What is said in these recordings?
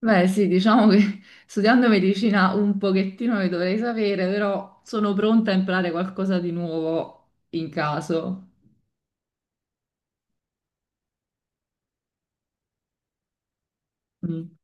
Beh, sì, diciamo che studiando medicina un pochettino le dovrei sapere, però sono pronta a imparare qualcosa di nuovo in caso. Mm.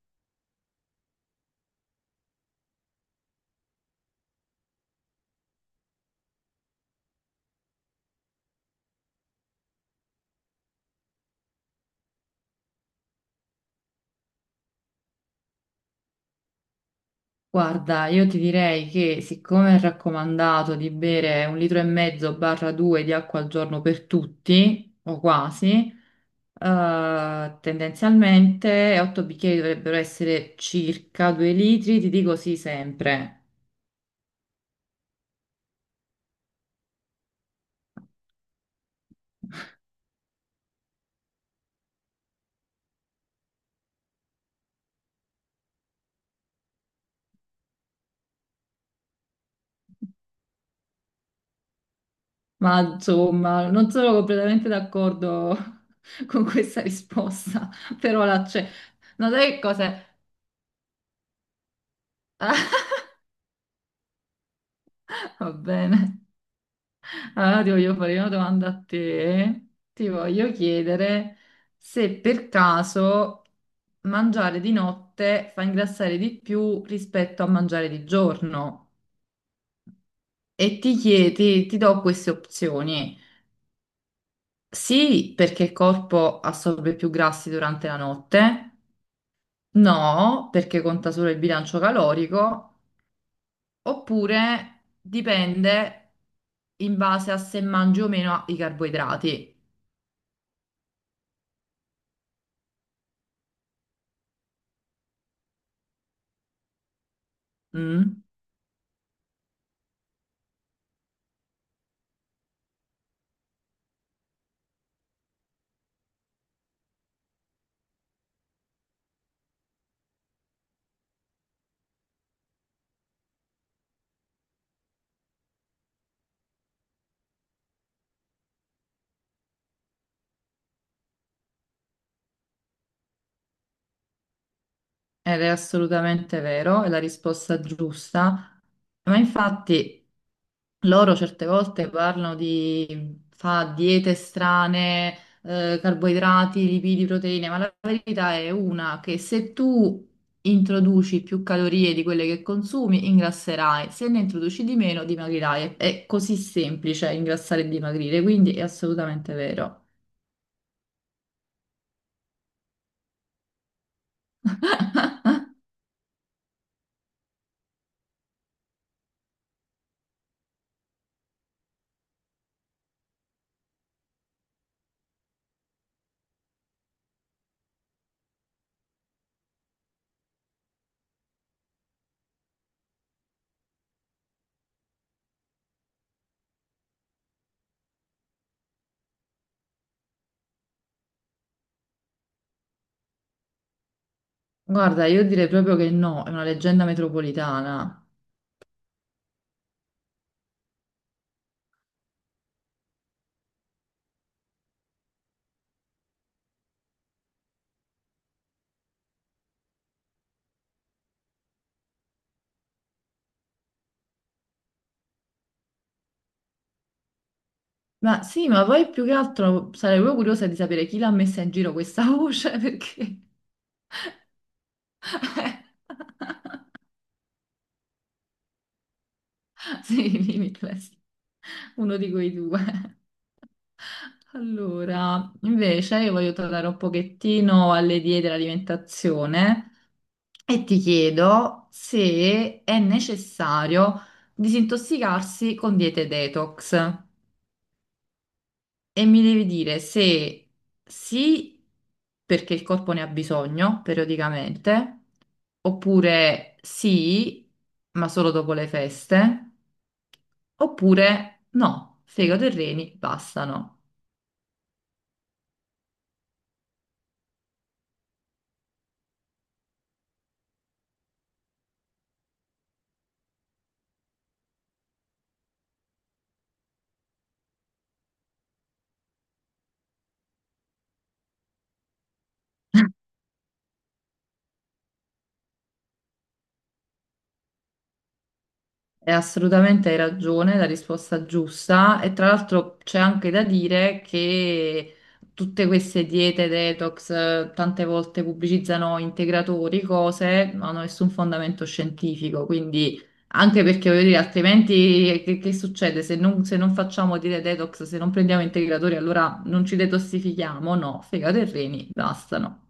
Guarda, io ti direi che siccome è raccomandato di bere un litro e mezzo barra due di acqua al giorno per tutti, o quasi, tendenzialmente 8 bicchieri dovrebbero essere circa 2 litri, ti dico sì sempre. Ma insomma, non sono completamente d'accordo con questa risposta, però la c'è. No, sai che cos'è? Ah, va bene. Allora ti voglio fare una domanda a te. Ti voglio chiedere se per caso mangiare di notte fa ingrassare di più rispetto a mangiare di giorno. E ti chiedi, ti do queste opzioni. Sì, perché il corpo assorbe più grassi durante la notte. No, perché conta solo il bilancio calorico, oppure dipende in base a se mangi o meno i carboidrati. Mm? Ed è assolutamente vero, è la risposta giusta, ma infatti loro certe volte parlano di fa diete strane, carboidrati, lipidi, proteine, ma la verità è una che se tu introduci più calorie di quelle che consumi, ingrasserai, se ne introduci di meno, dimagrirai. È così semplice ingrassare e dimagrire, quindi è assolutamente vero. Guarda, io direi proprio che no, è una leggenda metropolitana. Ma sì, ma poi più che altro sarei proprio curiosa di sapere chi l'ha messa in giro questa voce, perché... Sì, Limitless, uno di quei due. Allora, invece io voglio tornare un pochettino alle diete e all'alimentazione e ti chiedo se è necessario disintossicarsi con diete detox. E mi devi dire se sì, perché il corpo ne ha bisogno periodicamente, oppure sì, ma solo dopo le feste, oppure no, fegato e reni bastano. E assolutamente hai ragione, la risposta giusta. E tra l'altro c'è anche da dire che tutte queste diete detox tante volte pubblicizzano integratori, cose, non hanno nessun fondamento scientifico. Quindi, anche perché voglio dire, altrimenti che, succede? Se non facciamo diete detox, se non prendiamo integratori, allora non ci detossifichiamo? No, fegato e reni, bastano.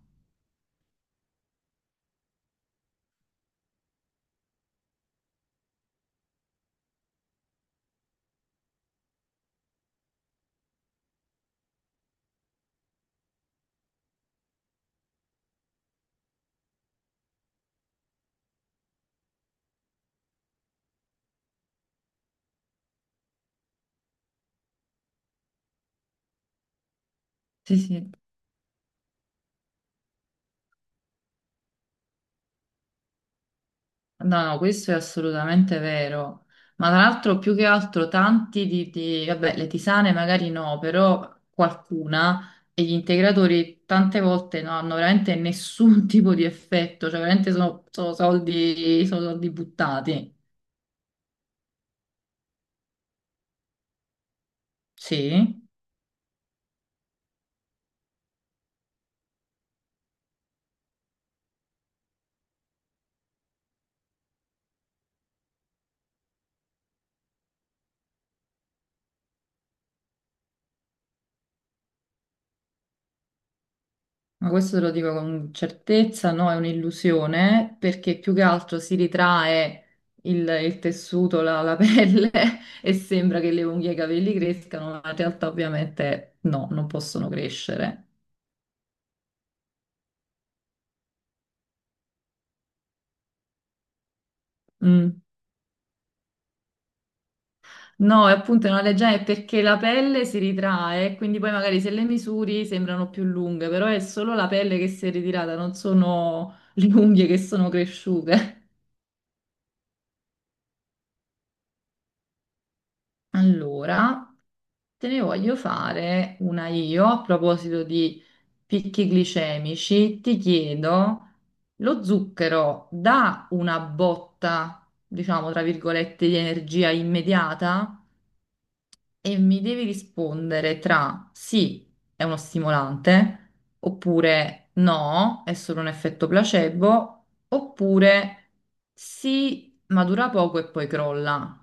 Sì, sì. No, no, questo è assolutamente vero. Ma tra l'altro, più che altro, tanti vabbè, le tisane magari no, però qualcuna e gli integratori tante volte non hanno veramente nessun tipo di effetto, cioè veramente sono, sono soldi buttati. Sì. Ma questo te lo dico con certezza, no, è un'illusione perché più che altro si ritrae il tessuto, la pelle e sembra che le unghie e i capelli crescano, ma in realtà ovviamente no, non possono crescere. Mm. No, è appunto una leggenda è perché la pelle si ritrae, quindi poi magari se le misuri sembrano più lunghe, però è solo la pelle che si è ritirata, non sono le unghie che sono cresciute. Allora. Te ne voglio fare una io a proposito di picchi glicemici. Ti chiedo, lo zucchero dà una botta, diciamo tra virgolette, di energia immediata? E mi devi rispondere tra sì, è uno stimolante, oppure no, è solo un effetto placebo, oppure sì, ma dura poco e poi crolla.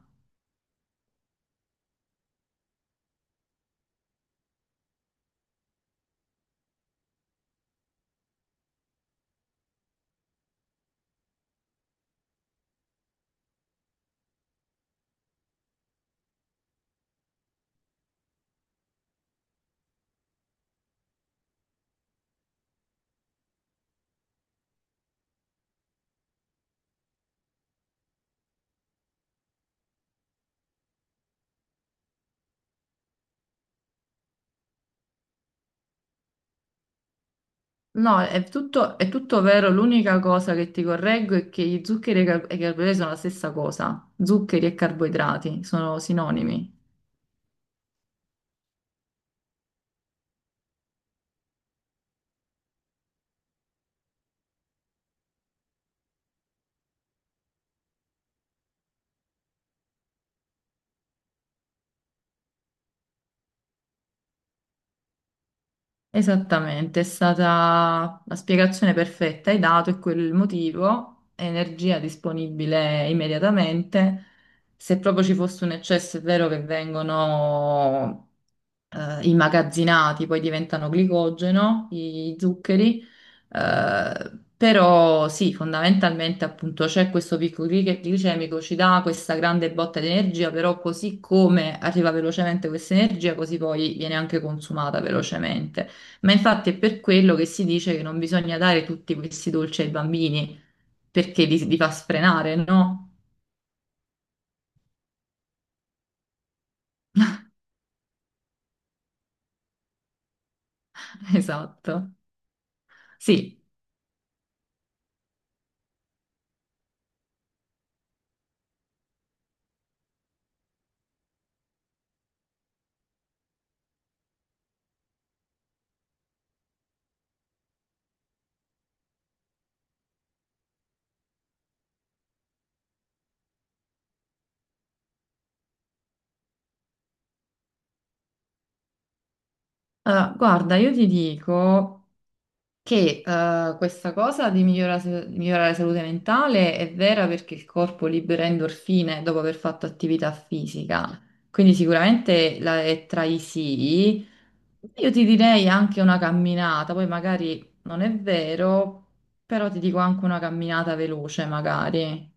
No, è tutto vero. L'unica cosa che ti correggo è che gli zuccheri e i carboidrati sono la stessa cosa. Zuccheri e carboidrati sono sinonimi. Esattamente, è stata la spiegazione perfetta. Hai dato è quello il motivo. Energia disponibile immediatamente. Se proprio ci fosse un eccesso, è vero che vengono. Immagazzinati, poi diventano glicogeno, i zuccheri, però sì, fondamentalmente appunto c'è questo picco glicemico, ci dà questa grande botta di energia, però così come arriva velocemente questa energia, così poi viene anche consumata velocemente. Ma infatti è per quello che si dice che non bisogna dare tutti questi dolci ai bambini, perché li fa sfrenare, no? Esatto. Sì. Guarda, io ti dico, che questa cosa di migliorare, migliorare la salute mentale è vera perché il corpo libera endorfine dopo aver fatto attività fisica. Quindi sicuramente è tra i sì. Io ti direi anche una camminata, poi magari non è vero, però ti dico anche una camminata veloce, magari.